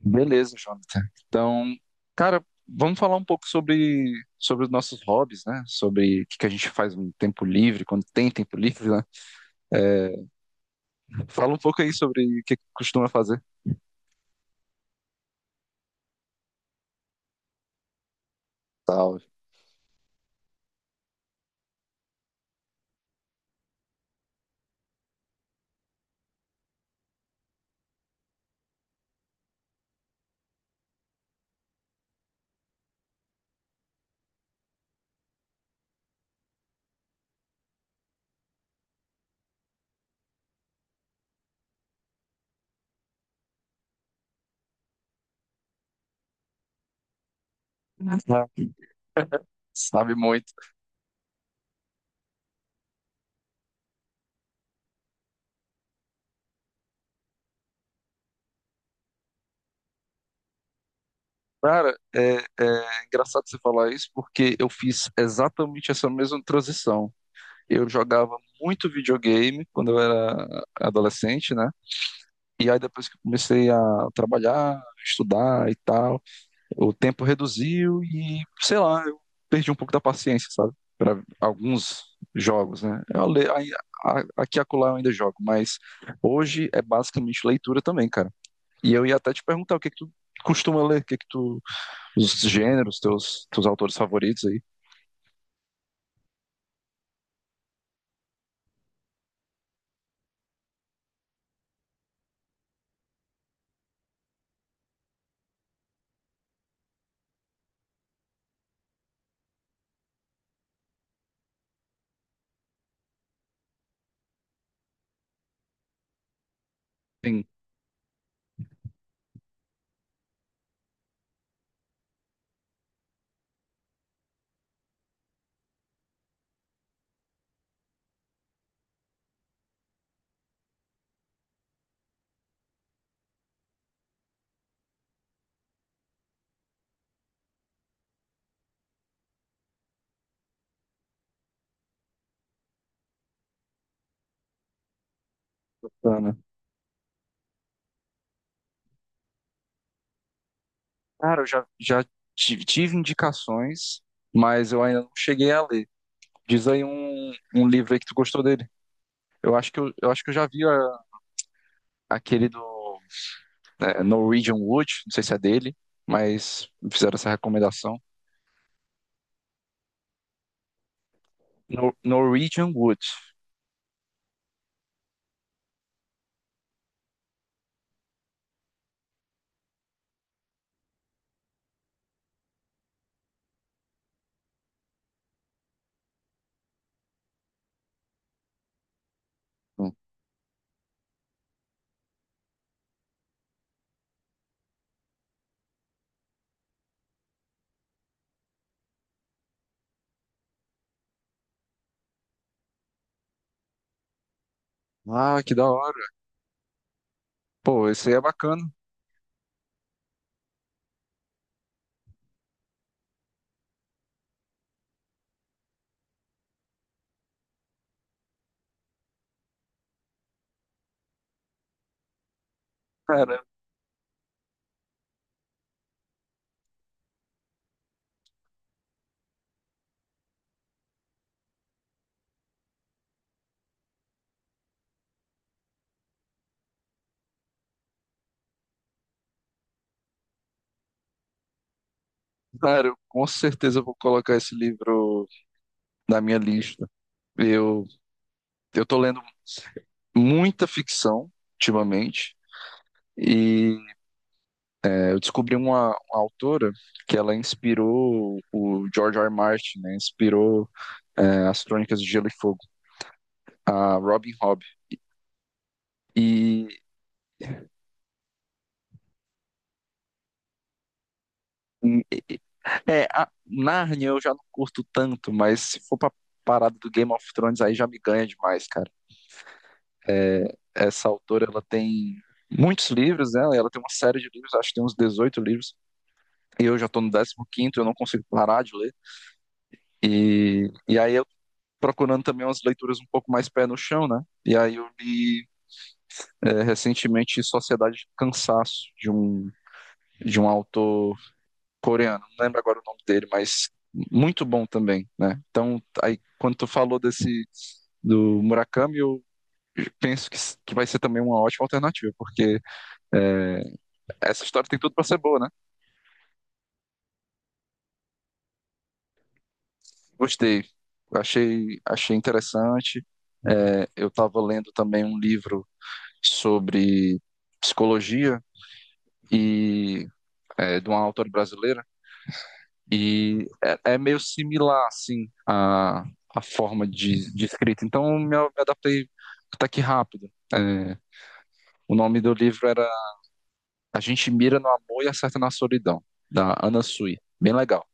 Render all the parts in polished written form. Beleza, Jonathan. Então, cara, vamos falar um pouco sobre os nossos hobbies, né? Sobre o que que a gente faz no tempo livre, quando tem tempo livre, né? Fala um pouco aí sobre o que que costuma fazer. Salve. Ah, sabe muito. Cara, é engraçado você falar isso porque eu fiz exatamente essa mesma transição. Eu jogava muito videogame quando eu era adolescente, né? E aí depois que eu comecei a trabalhar, estudar e tal. O tempo reduziu e, sei lá, eu perdi um pouco da paciência, sabe? Para alguns jogos, né? Aí, aqui e acolá eu ainda jogo, mas hoje é basicamente leitura também, cara. E eu ia até te perguntar o que é que tu costuma ler, o que é que tu, os gêneros, teus autores favoritos aí. Sim. Ana. Cara, eu já tive indicações, mas eu ainda não cheguei a ler. Diz aí um livro aí que tu gostou dele. Eu acho que eu já vi aquele do Norwegian Wood, não sei se é dele, mas me fizeram essa recomendação. Norwegian Wood. Ah, que da hora. Pô, esse aí é bacana. Cara, cara, eu com certeza vou colocar esse livro na minha lista. Eu, eu tô lendo muita ficção ultimamente e eu descobri uma autora que ela inspirou o George R. R. Martin, né? Inspirou as Crônicas de Gelo e Fogo, a Robin Hobb. E É, a Narnia eu já não curto tanto, mas se for pra parada do Game of Thrones, aí já me ganha demais, cara. Essa autora, ela tem muitos livros, né? Ela tem uma série de livros, acho que tem uns 18 livros, e eu já tô no 15º, eu não consigo parar de ler. E aí eu procurando também umas leituras um pouco mais pé no chão, né? E aí eu li recentemente Sociedade de Cansaço, de um autor coreano, não lembro agora o nome dele, mas muito bom também, né? Então, aí, quando tu falou desse do Murakami, eu penso que vai ser também uma ótima alternativa, porque é, essa história tem tudo para ser boa, né? Gostei, achei interessante. Eu estava lendo também um livro sobre psicologia e de uma autora brasileira, e é meio similar, assim, a forma de escrita. Então, eu me adaptei até que rápido. O nome do livro era A gente mira no amor e acerta na solidão, da Ana Sui. Bem legal.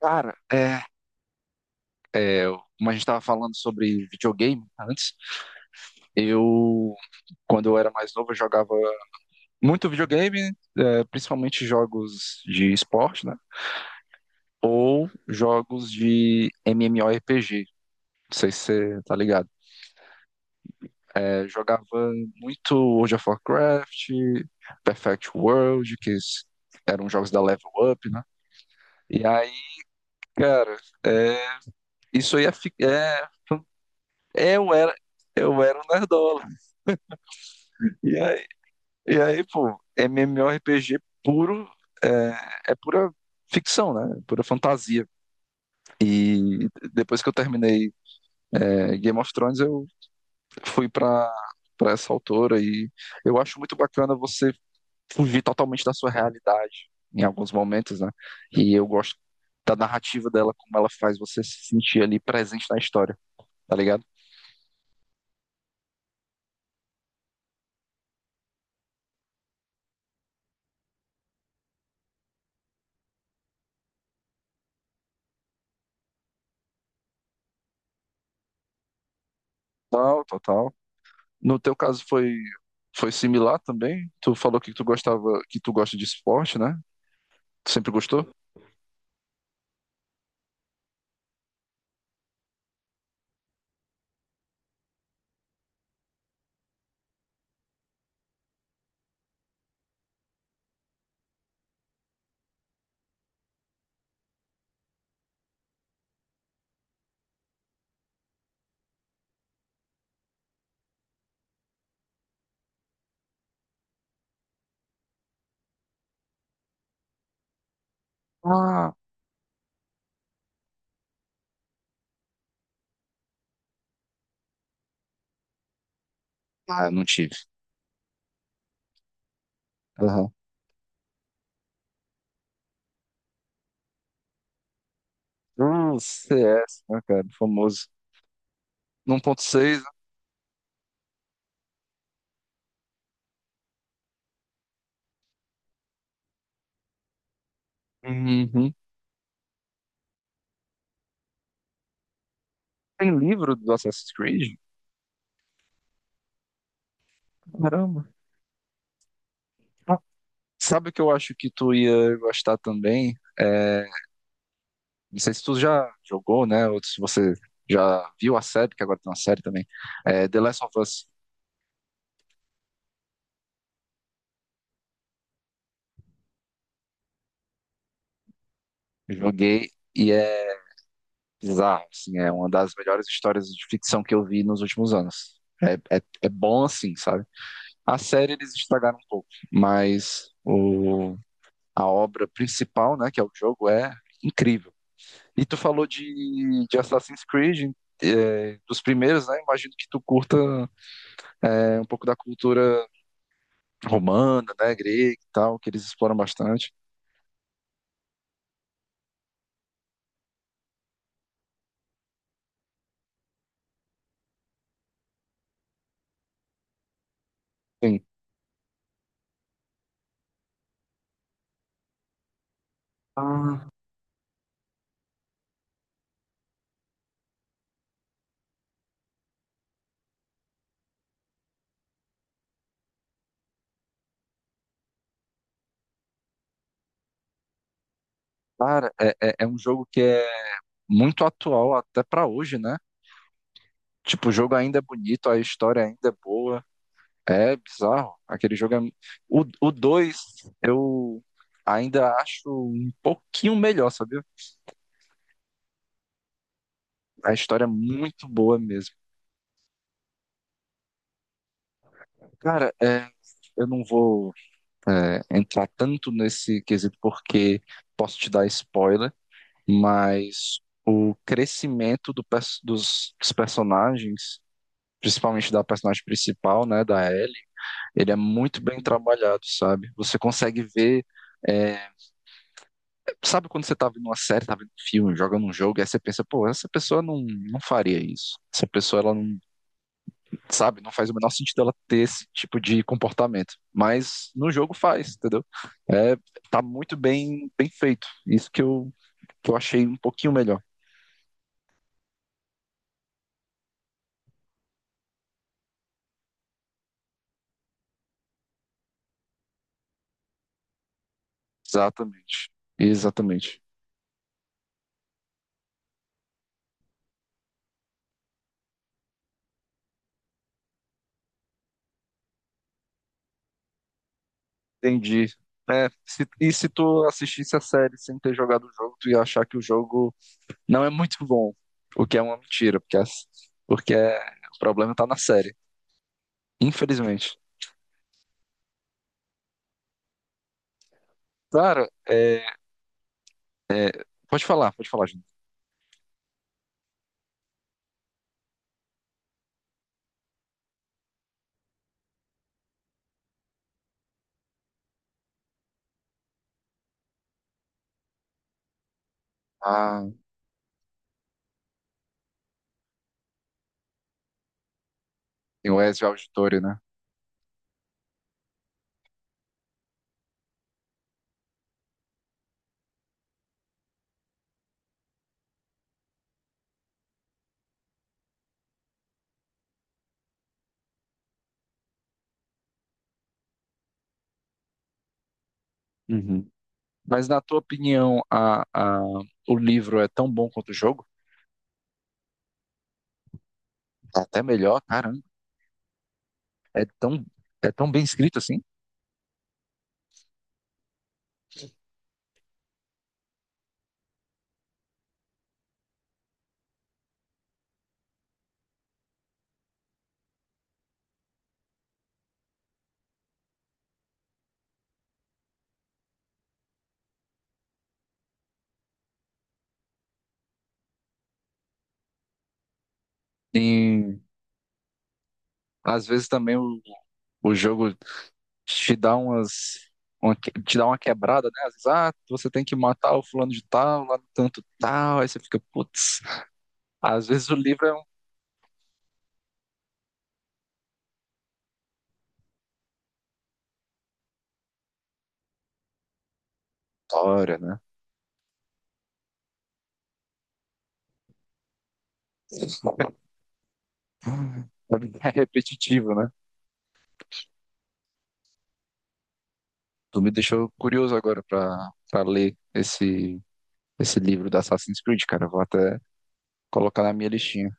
Cara, é, como a gente estava falando sobre videogame antes, eu, quando eu era mais novo, eu jogava muito videogame, principalmente jogos de esporte, né? Ou jogos de MMORPG. Não sei se você tá ligado. Jogava muito World of Warcraft, Perfect World, que eram jogos da Level Up, né? E aí, cara, é, isso aí é, fi- é- eu era, eu era um nerdola. E aí, e aí, pô, MMORPG puro, é pura ficção, né? É pura fantasia. E depois que eu terminei Game of Thrones, eu fui pra para essa autora e eu acho muito bacana você fugir totalmente da sua realidade em alguns momentos, né? E eu gosto da narrativa dela, como ela faz você se sentir ali presente na história, tá ligado? Total, total. No teu caso foi similar também? Tu falou que tu gostava, que tu gosta de esporte, né? Tu sempre gostou? Ah, ah, eu não tive. Aham. O CS, né, cara? Famoso. 1.6. né? Uhum. Tem livro do Assassin's Creed? Caramba. Ah, sabe o que eu acho que tu ia gostar também? É, não sei se tu já jogou, né? Ou se você já viu a série, que agora tem uma série também. The Last of Us. Joguei e é bizarro, assim. É uma das melhores histórias de ficção que eu vi nos últimos anos. É bom assim, sabe? A série eles estragaram um pouco, mas o a obra principal, né, que é o jogo, é incrível. E tu falou de Assassin's Creed, dos primeiros, né? Imagino que tu curta um pouco da cultura romana, né, grega e tal, que eles exploram bastante. Sim. Ah, cara, é um jogo que é muito atual até pra hoje, né? Tipo, o jogo ainda é bonito, a história ainda é boa. É bizarro. Aquele jogo é. O 2 eu ainda acho um pouquinho melhor, sabe? A história é muito boa mesmo. Cara, eu não vou entrar tanto nesse quesito porque posso te dar spoiler, mas o crescimento dos personagens, principalmente da personagem principal, né, da Ellie, ele é muito bem trabalhado, sabe? Você consegue ver. é, sabe quando você tá vendo uma série, tá vendo um filme, jogando um jogo, e aí você pensa, pô, essa pessoa não, não faria isso. Essa pessoa, ela não sabe? Não faz o menor sentido ela ter esse tipo de comportamento. Mas no jogo faz, entendeu? É, tá muito bem, bem feito. Isso que que eu achei um pouquinho melhor. Exatamente. Exatamente. Entendi. E se tu assistisse a série sem ter jogado o jogo, tu ia achar que o jogo não é muito bom. O que é uma mentira, porque, porque é- o problema tá na série. Infelizmente. Cara, pode falar, gente. Ah, tem o Ezio Auditore, né? Uhum. Mas na tua opinião, o livro é tão bom quanto o jogo? É até melhor, caramba. É tão, é tão bem escrito assim. E às vezes também o jogo te dá te dá uma quebrada, né? Às vezes, você tem que matar o fulano de tal, lá no tanto tal, aí você fica, putz. Às vezes o livro é uma história, né? É repetitivo, né? Tu me deixou curioso agora pra ler esse livro da Assassin's Creed, cara. Eu vou até colocar na minha listinha.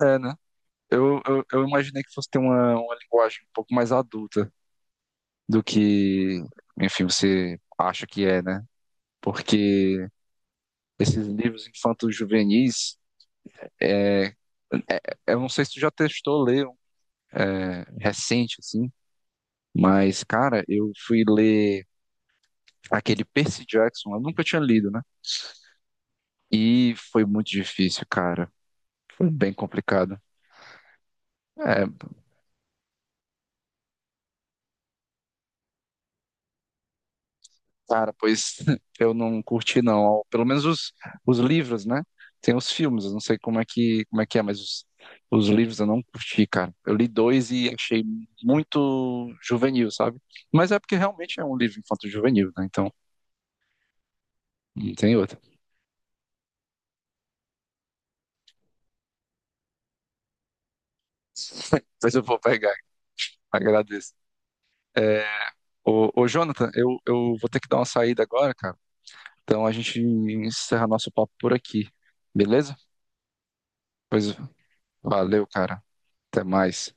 É, né? Eu imaginei que fosse ter uma linguagem um pouco mais adulta do que, enfim, você acha que é, né? Porque esses livros infantos juvenis, é, eu não sei se tu já testou ler um recente, assim, mas, cara, eu fui ler aquele Percy Jackson, eu nunca tinha lido, né? E foi muito difícil, cara. Foi bem complicado. É, cara, pois eu não curti não. Pelo menos os livros, né? Tem os filmes, eu não sei como é que é, mas os livros eu não curti, cara. Eu li dois e achei muito juvenil, sabe? Mas é porque realmente é um livro infanto-juvenil, né? Então, não tem outra. mas eu vou pegar, agradeço. É, ô, ô, Jonathan, eu vou ter que dar uma saída agora, cara. Então a gente encerra nosso papo por aqui, beleza? Pois valeu, cara. Até mais.